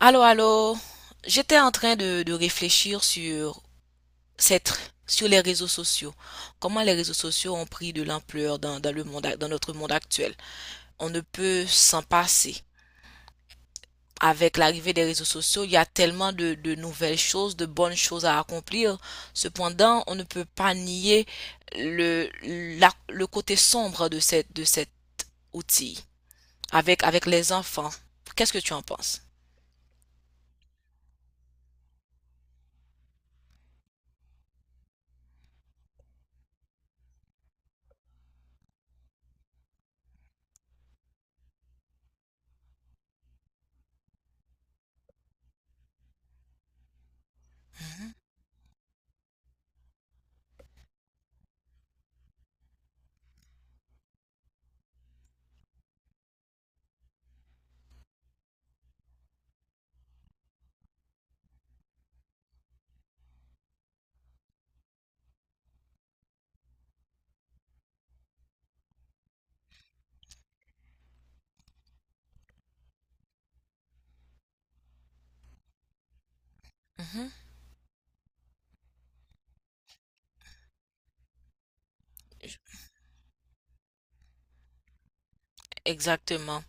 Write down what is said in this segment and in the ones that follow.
Allô, allô. J'étais en train de réfléchir sur sur les réseaux sociaux. Comment les réseaux sociaux ont pris de l'ampleur dans le monde, dans notre monde actuel. On ne peut s'en passer. Avec l'arrivée des réseaux sociaux, il y a tellement de nouvelles choses, de bonnes choses à accomplir. Cependant, on ne peut pas nier le, le côté sombre de cet outil. Avec les enfants. Qu'est-ce que tu en penses? Mhm. Exactement.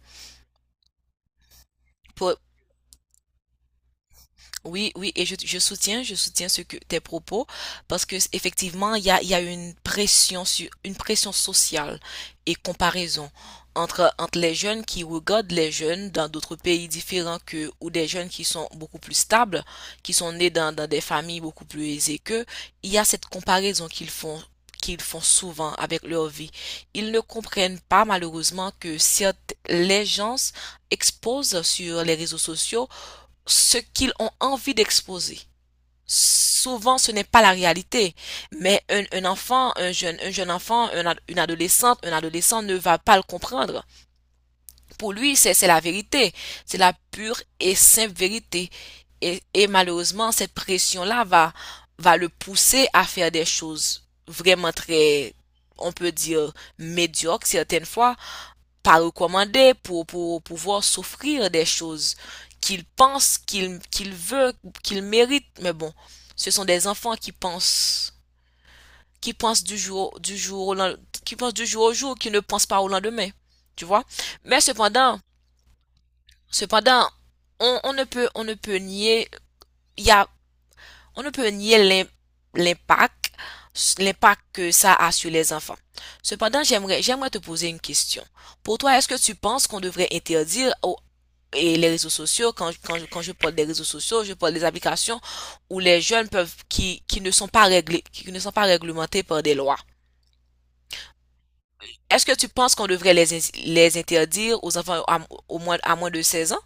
Oui, oui, et je soutiens ce que tes propos parce que effectivement, il y a une pression sur une pression sociale et comparaison entre les jeunes qui regardent les jeunes dans d'autres pays différents que ou des jeunes qui sont beaucoup plus stables, qui sont nés dans des familles beaucoup plus aisées qu'eux, il y a cette comparaison qu'ils font souvent avec leur vie. Ils ne comprennent pas malheureusement que certes, les gens exposent sur les réseaux sociaux ce qu'ils ont envie d'exposer. Souvent, ce n'est pas la réalité, mais un enfant, un jeune enfant, un une adolescente, un adolescent ne va pas le comprendre. Pour lui, c'est la vérité, c'est la pure et simple vérité. Et malheureusement, cette pression-là va le pousser à faire des choses vraiment très, on peut dire, médiocres certaines fois, pas recommandé pour pouvoir s'offrir des choses qu'ils pensent, qu'ils veulent, qu'ils méritent. Mais bon, ce sont des enfants qui pensent du jour au lendemain, qui pensent du jour au jour, qui ne pensent pas au lendemain. Tu vois? Mais cependant, cependant, on ne peut nier, il y a, on ne peut nier l'impact, l'impact que ça a sur les enfants. Cependant, j'aimerais te poser une question. Pour toi, est-ce que tu penses qu'on devrait et les réseaux sociaux, quand je parle des réseaux sociaux, je parle des applications où les jeunes qui ne sont pas réglés, qui ne sont pas réglementés par des lois. Est-ce que tu penses qu'on devrait les interdire aux enfants à moins de 16 ans?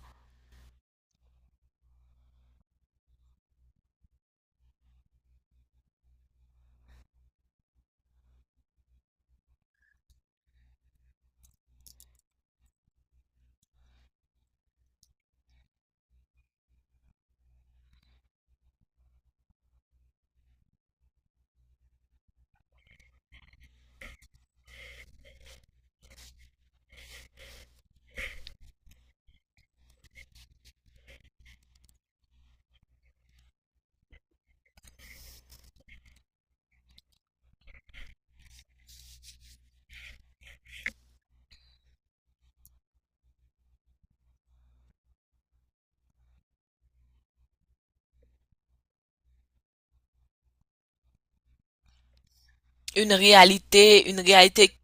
Une réalité,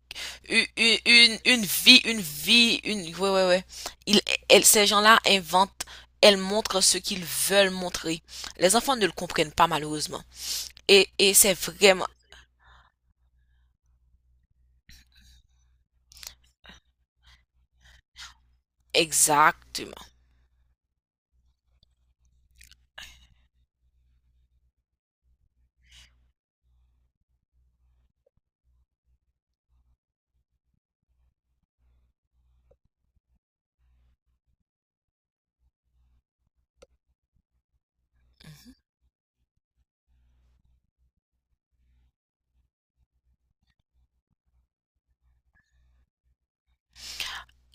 une, une, une- une vie, ouais, ouais, ouais. Ils, ces gens-là inventent, elles montrent ce qu'ils veulent montrer. Les enfants ne le comprennent pas, malheureusement. Et c'est vraiment exactement.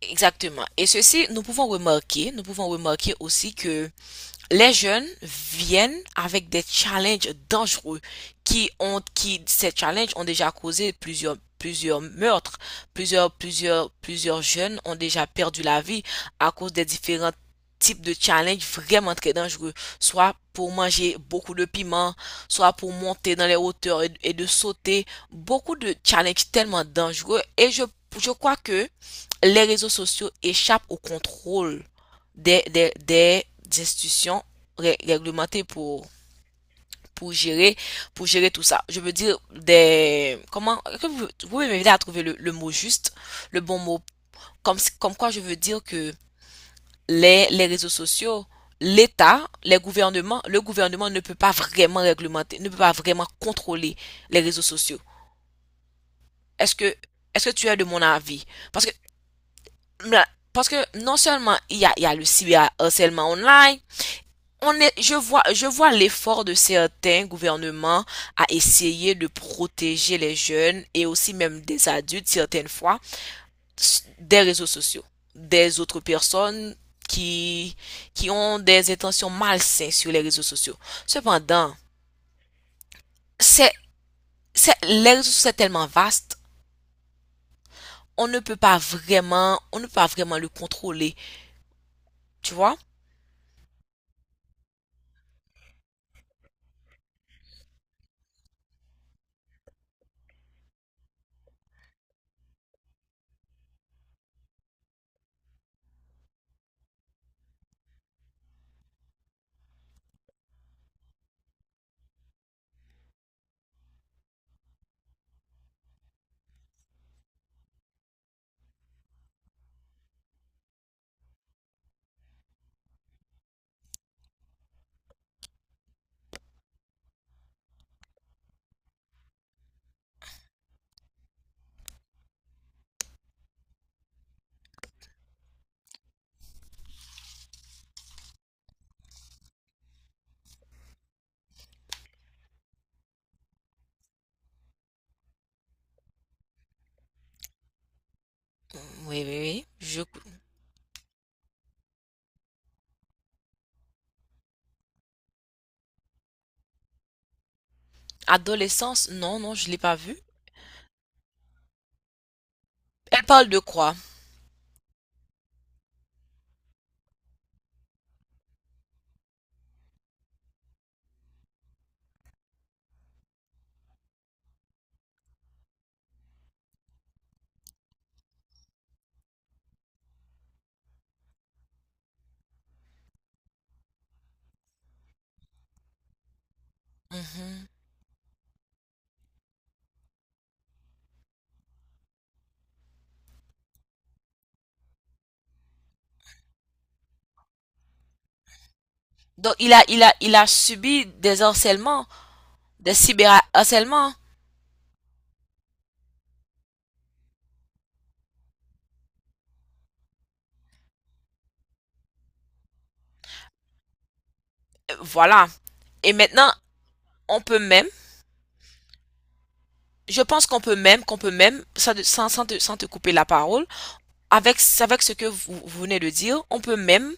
Exactement. Et ceci, nous pouvons remarquer aussi que les jeunes viennent avec des challenges dangereux ces challenges ont déjà causé plusieurs meurtres. Plusieurs jeunes ont déjà perdu la vie à cause des différents types de challenges vraiment très dangereux. Soit pour manger beaucoup de piment, soit pour monter dans les hauteurs et de sauter. Beaucoup de challenges tellement dangereux et je crois que les réseaux sociaux échappent au contrôle des institutions ré- réglementées pour, pour, gérer, pour gérer tout ça. Je veux dire, que vous pouvez m'aider à trouver le mot juste, le bon mot. Comme, si, comme quoi je veux dire que les réseaux sociaux, l'État, les gouvernements, le gouvernement ne peut pas vraiment réglementer, ne peut pas vraiment contrôler les réseaux sociaux. Est-ce que est-ce que tu es de mon avis? Parce que là, parce que non seulement il y a le cyberharcèlement online, je vois l'effort de certains gouvernements à essayer de protéger les jeunes et aussi même des adultes certaines fois des réseaux sociaux, des autres personnes qui, qui ont des intentions malsaines sur les réseaux sociaux. Cependant, c'est, les réseaux sociaux sont tellement vastes, on ne peut pas vraiment, on ne peut pas vraiment le contrôler, tu vois? Oui, oui, oui. Adolescence, non, non, je l'ai pas vu. Elle parle de quoi? Mhm. Donc, il a subi des harcèlements, des cyberharcèlements. Voilà. Et maintenant, on peut même, je pense qu'on peut même, sans te couper la parole, avec ce que vous venez de dire, on peut même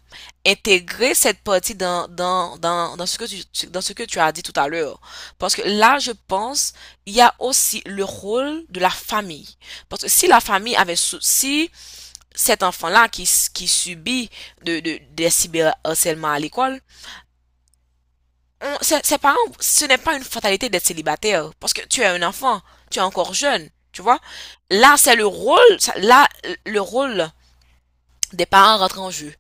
intégrer cette partie dans ce que tu as dit tout à l'heure. Parce que là, je pense, il y a aussi le rôle de la famille. Parce que si la famille avait, si cet enfant-là qui subit des cyberharcèlements à l'école, ses parents, ce n'est pas une fatalité d'être célibataire. Parce que tu es un enfant, tu es encore jeune, tu vois. Là, là, le rôle des parents rentre en jeu.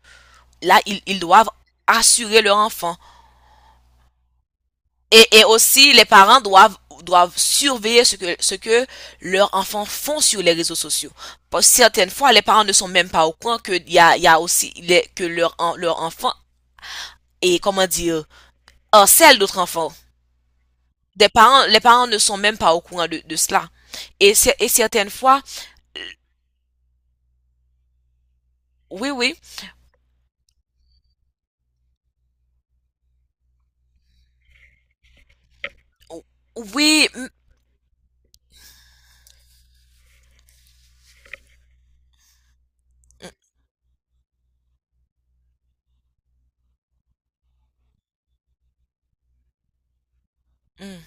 Là, ils doivent assurer leur enfant. Et aussi, les parents doivent surveiller ce que leurs enfants font sur les réseaux sociaux. Parce que certaines fois, les parents ne sont même pas au courant que il y a aussi que leur enfant comment dire, harcèle d'autres enfants. Des parents, les parents ne sont même pas au courant de cela. Et, et certaines fois, oui, oui, oui, mm,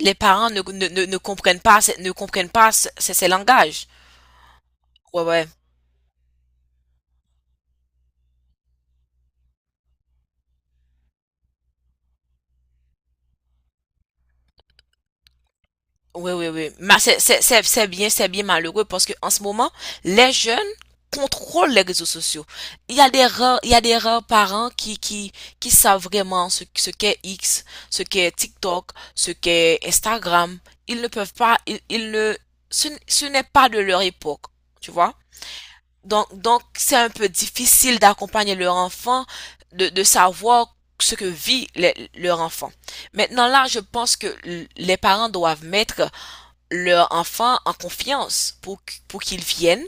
les parents ne comprennent pas ces langages. Ouais, ouais. Oui, oui, oui. Mais c'est bien malheureux parce que en ce moment, les jeunes contrôlent les réseaux sociaux. Il y a des rares parents qui savent vraiment ce qu'est X, ce qu'est TikTok, ce qu'est Instagram. Ils ne peuvent pas, ils ne, ce n'est pas de leur époque, tu vois? Donc, c'est un peu difficile d'accompagner leur enfant, de savoir ce que vit leur enfant. Maintenant, là, je pense que les parents doivent mettre leur enfant en confiance pour qu'ils viennent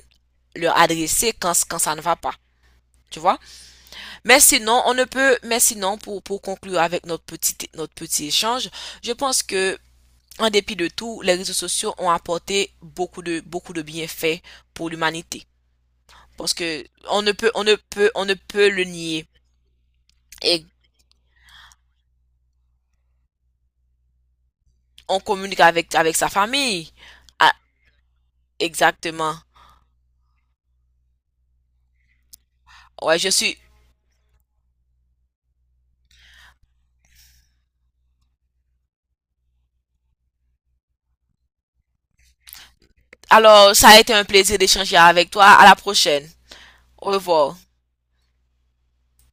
leur adresser quand ça ne va pas. Tu vois? Mais sinon, on ne peut, mais sinon, pour conclure avec notre petit échange, je pense que, en dépit de tout, les réseaux sociaux ont apporté beaucoup de bienfaits pour l'humanité. Parce que, on ne peut, on ne peut, on ne peut le nier. Et on communique avec sa famille. Ah, exactement. Ouais, alors, ça a été un plaisir d'échanger avec toi. À la prochaine. Au revoir.